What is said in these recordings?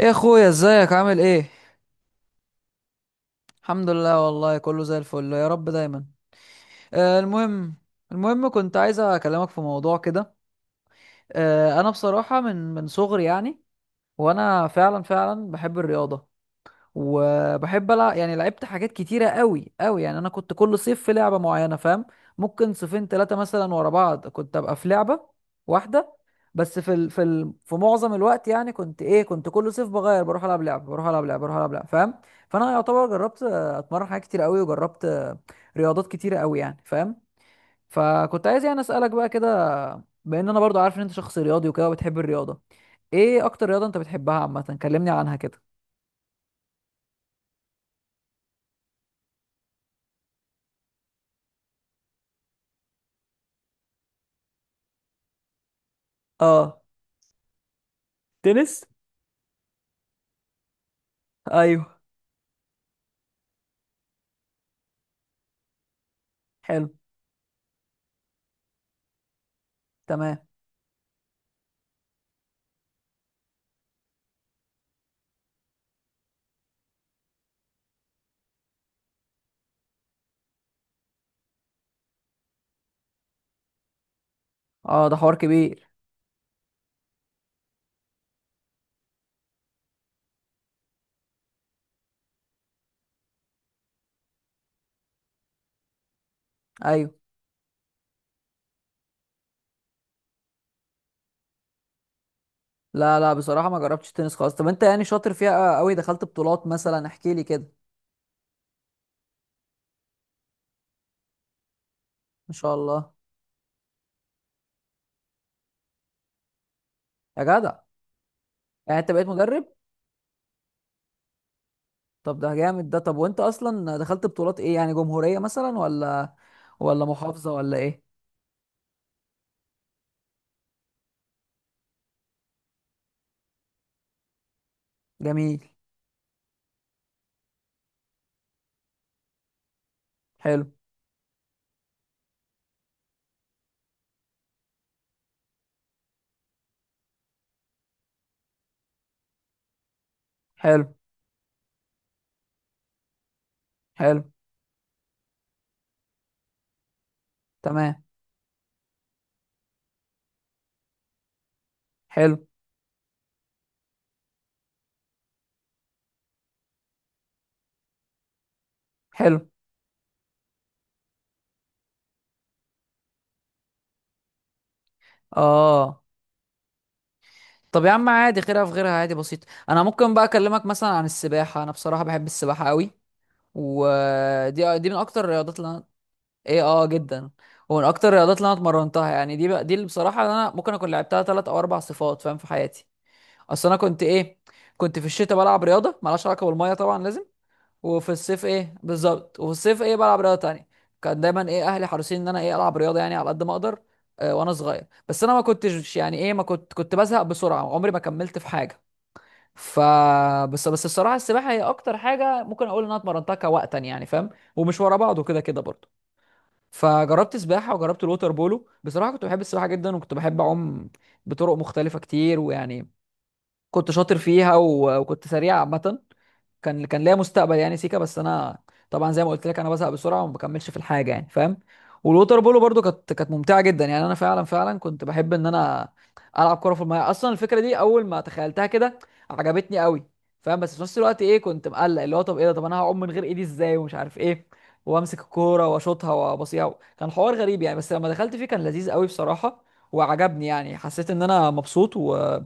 ايه يا اخويا، ازيك؟ عامل ايه؟ الحمد لله والله، كله زي الفل يا رب دايما. آه، المهم، المهم كنت عايز اكلمك في موضوع كده. آه، انا بصراحة من صغري يعني وانا فعلا فعلا بحب الرياضة وبحب العب، يعني لعبت حاجات كتيره قوي قوي، يعني انا كنت كل صيف في لعبه معينه، فاهم؟ ممكن صيفين ثلاثه مثلا ورا بعض كنت ابقى في لعبه واحده، بس في معظم الوقت يعني كنت ايه، كنت كل صيف بغير، بروح العب لعبه بروح العب لعبه بروح العب لعبه، فاهم؟ فانا يعتبر جربت، اتمرن حاجات كتير قوي وجربت، رياضات كتيره قوي يعني، فاهم؟ فكنت عايز يعني اسالك بقى كده، بان انا برضو عارف ان انت شخص رياضي وكده وبتحب الرياضه. ايه اكتر رياضه انت بتحبها عامه؟ كلمني عنها كده. اه. تنس. ايوه. حلو. تمام. اه ده حوار كبير. ايوه. لا لا، بصراحه ما جربتش تنس خالص. طب انت يعني شاطر فيها قوي؟ دخلت بطولات مثلا؟ احكي لي كده. ما شاء الله. يا جدع. يعني انت بقيت مدرب؟ طب ده جامد ده. طب وانت اصلا دخلت بطولات ايه؟ يعني جمهوريه مثلا ولا ولا محافظه ولا ايه؟ جميل. حلو. حلو. حلو. تمام. حلو. حلو. اه. طب يا عم عادي، خيرها في غيرها، عادي، بسيط. انا ممكن بقى اكلمك مثلا عن السباحه؟ انا بصراحه بحب السباحه قوي. ودي دي من اكتر الرياضات اللي انا ايه. اه جدا. ومن اكتر الرياضات اللي انا اتمرنتها يعني، دي بقى دي اللي بصراحه انا ممكن اكون لعبتها ثلاث او اربع صفات، فاهم، في حياتي. اصل انا كنت ايه، كنت في الشتاء بلعب رياضه مالهاش علاقه بالميه طبعا لازم. وفي الصيف ايه بالظبط، وفي الصيف ايه بلعب رياضه تانية. كان دايما ايه اهلي حريصين ان انا ايه العب رياضه يعني على قد ما اقدر. وانا صغير، بس انا ما كنتش يعني ايه، ما كنت كنت بزهق بسرعه، عمري ما كملت في حاجه. ف، بس بس الصراحه السباحه هي اكتر حاجه ممكن اقول ان انا اتمرنتها كوقتا، يعني فاهم. ومش ورا بعض وكده كده برضه. فجربت سباحه وجربت الوتر بولو. بصراحه كنت بحب السباحه جدا وكنت بحب اعوم بطرق مختلفه كتير ويعني كنت شاطر فيها وكنت سريع عامه. كان ليا مستقبل يعني سيكا، بس انا طبعا زي ما قلت لك انا بزهق بسرعه وما بكملش في الحاجه، يعني فاهم. والووتر بولو برضو كانت ممتعه جدا، يعني انا فعلا فعلا كنت بحب ان انا العب كره في الميه. اصلا الفكره دي اول ما تخيلتها كده عجبتني قوي، فاهم. بس في نفس الوقت ايه كنت مقلق اللي هو طب ايه ده، طب انا هعوم من غير ايدي ازاي ومش عارف ايه، وامسك الكوره واشوطها وابصيها. كان حوار غريب يعني، بس لما دخلت فيه كان لذيذ قوي بصراحه وعجبني، يعني حسيت ان انا مبسوط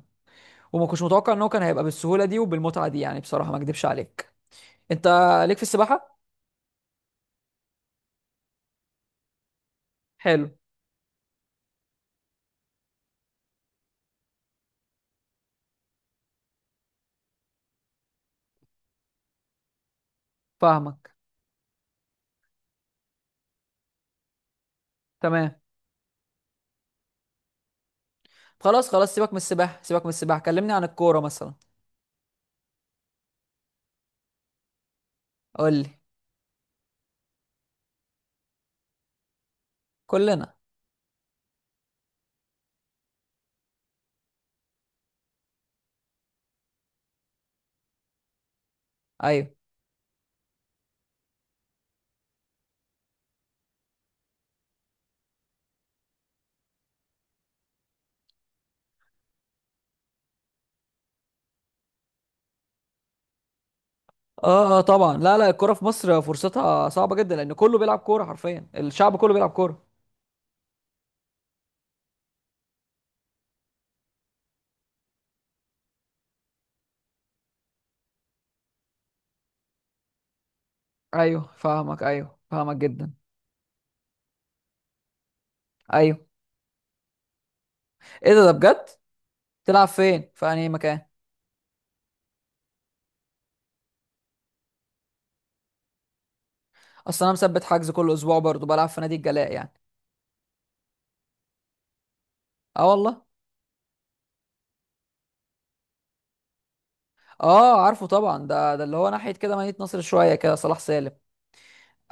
وما كنتش متوقع ان هو كان هيبقى بالسهوله دي وبالمتعه دي، يعني بصراحه ما اكدبش عليك. انت ليك في السباحه. حلو. فاهمك. تمام. خلاص خلاص سيبك من السباحه، سيبك من السباحه، كلمني عن الكوره مثلا. قول لي. كلنا. ايوه. اه اه طبعا. لا لا، الكوره في مصر فرصتها صعبه جدا، لان كله بيلعب كوره، حرفيا الشعب كله بيلعب كوره. ايوه فاهمك، ايوه فاهمك جدا. ايوه. ايه ده بجد؟ تلعب فين، في انهي مكان؟ اصل انا مثبت حجز كل اسبوع برضه، بلعب في نادي الجلاء يعني. اه والله. اه عارفه طبعا، ده اللي هو ناحيه كده مدينه نصر شويه كده، صلاح سالم.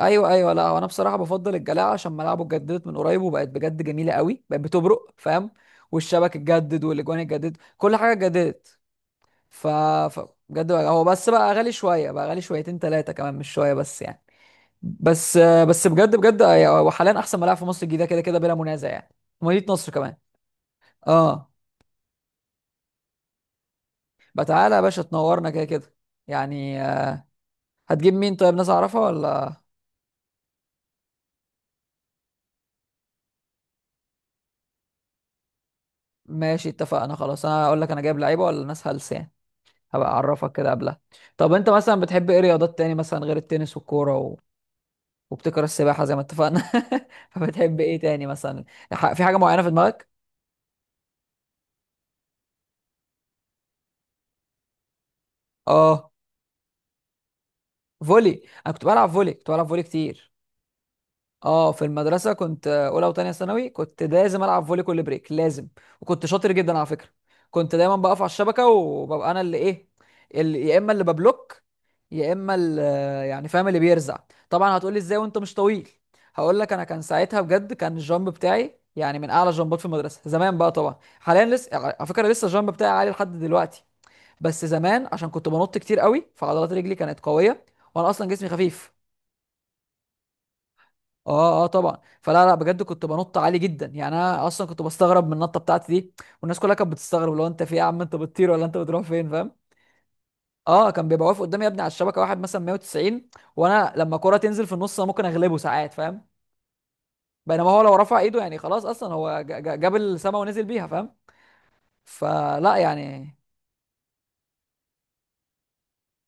ايوه ايوه. لا هو انا بصراحه بفضل الجلاعه عشان ملاعبه اتجددت من قريب وبقت بجد جميله قوي، بقت بتبرق فاهم. والشبك اتجدد والاجوان اتجددت، كل حاجه اتجددت. ف، هو بس بقى غالي شويه، بقى غالي شويتين ثلاثه كمان، مش شويه بس يعني. بس. بس بجد بجد هو حاليا احسن ملاعب في مصر الجديده كده كده بلا منازع يعني، مدينه نصر كمان. اه. بقى تعالى يا باشا تنورنا كده كده. يعني هتجيب مين؟ طيب ناس اعرفها ولا؟ ماشي اتفقنا خلاص. انا اقول لك انا جايب لعيبه ولا ناس هلس يعني، هبقى اعرفك كده قبلها. طب انت مثلا بتحب ايه رياضات تاني مثلا غير التنس والكوره وبتكره السباحه زي ما اتفقنا. فبتحب ايه تاني مثلا؟ في حاجه معينه في دماغك؟ اه. فولي! انا كنت بلعب فولي، كنت بلعب فولي كتير. اه في المدرسه كنت اولى وتانية ثانوي كنت لازم العب فولي كل بريك لازم. وكنت شاطر جدا على فكره. كنت دايما بقف على الشبكه وببقى انا اللي ايه، اللي يا اما اللي ببلوك، يا اما اللي، يعني فاهم، اللي بيرزع. طبعا هتقولي ازاي وانت مش طويل؟ هقول لك انا كان ساعتها بجد كان الجامب بتاعي يعني من اعلى الجامبات في المدرسه زمان. بقى طبعا حاليا لسه على فكره، لسه الجامب بتاعي عالي لحد دلوقتي، بس زمان عشان كنت بنط كتير قوي، فعضلات رجلي كانت قويه، وانا اصلا جسمي خفيف. اه اه طبعا. فلا لا، بجد كنت بنط عالي جدا، يعني انا اصلا كنت بستغرب من النطه بتاعتي دي. والناس كلها كانت بتستغرب، لو انت في ايه يا عم، انت بتطير ولا انت بتروح فين، فاهم؟ اه كان بيبقى واقف قدامي يا ابني على الشبكه واحد مثلا 190، وانا لما كرة تنزل في النص انا ممكن اغلبه ساعات، فاهم. بينما هو لو رفع ايده يعني خلاص، اصلا هو جاب السما ونزل بيها، فاهم. فلا يعني،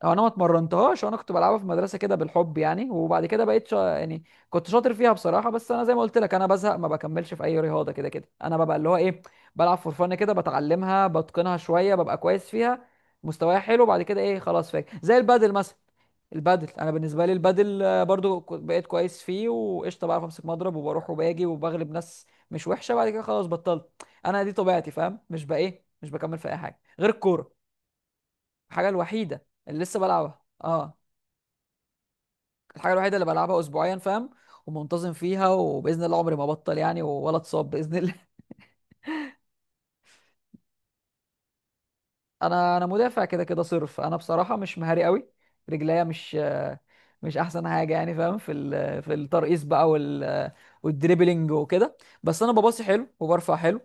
أو انا ما اتمرنتهاش، انا كنت بلعبها في المدرسه كده بالحب يعني. وبعد كده بقيت يعني كنت شاطر فيها بصراحه. بس انا زي ما قلت لك انا بزهق، ما بكملش في اي رياضه، كده كده انا ببقى اللي هو ايه، بلعب فور فن كده، بتعلمها بتقنها شويه ببقى كويس فيها، مستواي حلو، بعد كده ايه خلاص. فاكر زي البادل مثلا؟ البادل انا بالنسبه لي البادل، برضو بقيت كويس فيه وقشطه، بعرف امسك مضرب وبروح وباجي وبغلب ناس مش وحشه، بعد كده خلاص بطلت. انا دي طبيعتي فاهم، مش بقى ايه، مش بكمل في اي حاجه غير الكوره. الحاجة الوحيدة اللي لسه بلعبها اه، الحاجة الوحيدة اللي بلعبها اسبوعيا فاهم، ومنتظم فيها، وباذن الله عمري ما ابطل يعني ولا اتصاب باذن الله. انا مدافع كده كده صرف. انا بصراحة مش مهاري قوي، رجليا مش مش احسن حاجة يعني فاهم في في الترقيص بقى والدريبلينج وكده. بس انا بباصي حلو وبرفع حلو،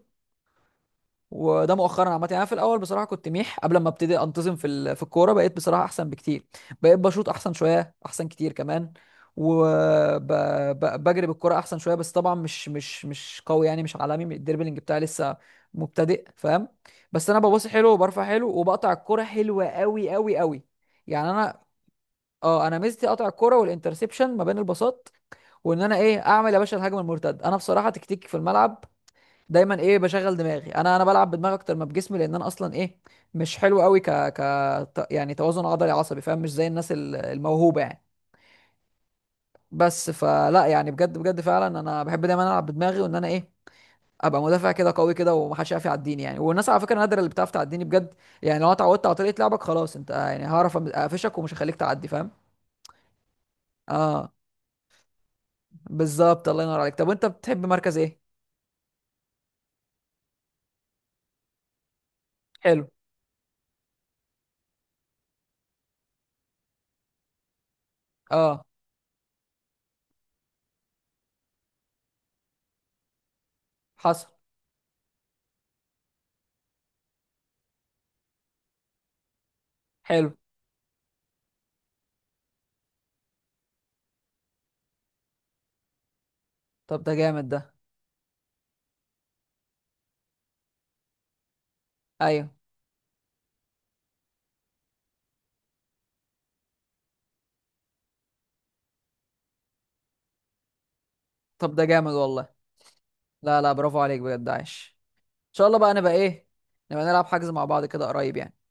وده مؤخرا عامه يعني، أنا في الاول بصراحه كنت ميح قبل ما ابتدي انتظم في في الكوره، بقيت بصراحه احسن بكتير، بقيت بشوط احسن شويه، احسن كتير كمان، وبجري بالكوره احسن شويه. بس طبعا مش قوي يعني، مش عالمي، الدربلينج بتاعي لسه مبتدئ فاهم. بس انا بباصي حلو وبرفع حلو، وبقطع الكوره حلوه قوي قوي قوي، يعني انا اه، انا ميزتي اقطع الكوره والانترسبشن ما بين الباصات، وان انا ايه اعمل يا باشا الهجمه المرتده. انا بصراحه تكتيكي في الملعب دايما ايه، بشغل دماغي، انا بلعب بدماغي اكتر ما بجسمي، لان انا اصلا ايه مش حلو قوي، يعني توازن عضلي عصبي فاهم، مش زي الناس الموهوبه يعني. بس فلا يعني، بجد بجد فعلا انا بحب دايما العب بدماغي، وان انا ايه ابقى مدافع كده قوي كده، ومحدش يعرف يعديني يعني. والناس على فكره نادره اللي بتعرف تعديني بجد، يعني لو أنا اتعودت على طريقه لعبك خلاص انت يعني هعرف اقفشك ومش هخليك تعدي فاهم. اه بالظبط، الله ينور عليك. طب وانت بتحب مركز ايه؟ حلو. اه. حصل. حلو. طب ده جامد ده. ايوه. طب ده جامد والله. لا لا، برافو عليك بجد عايش. ان شاء الله بقى نبقى ايه، نبقى نلعب حجز مع بعض كده قريب يعني.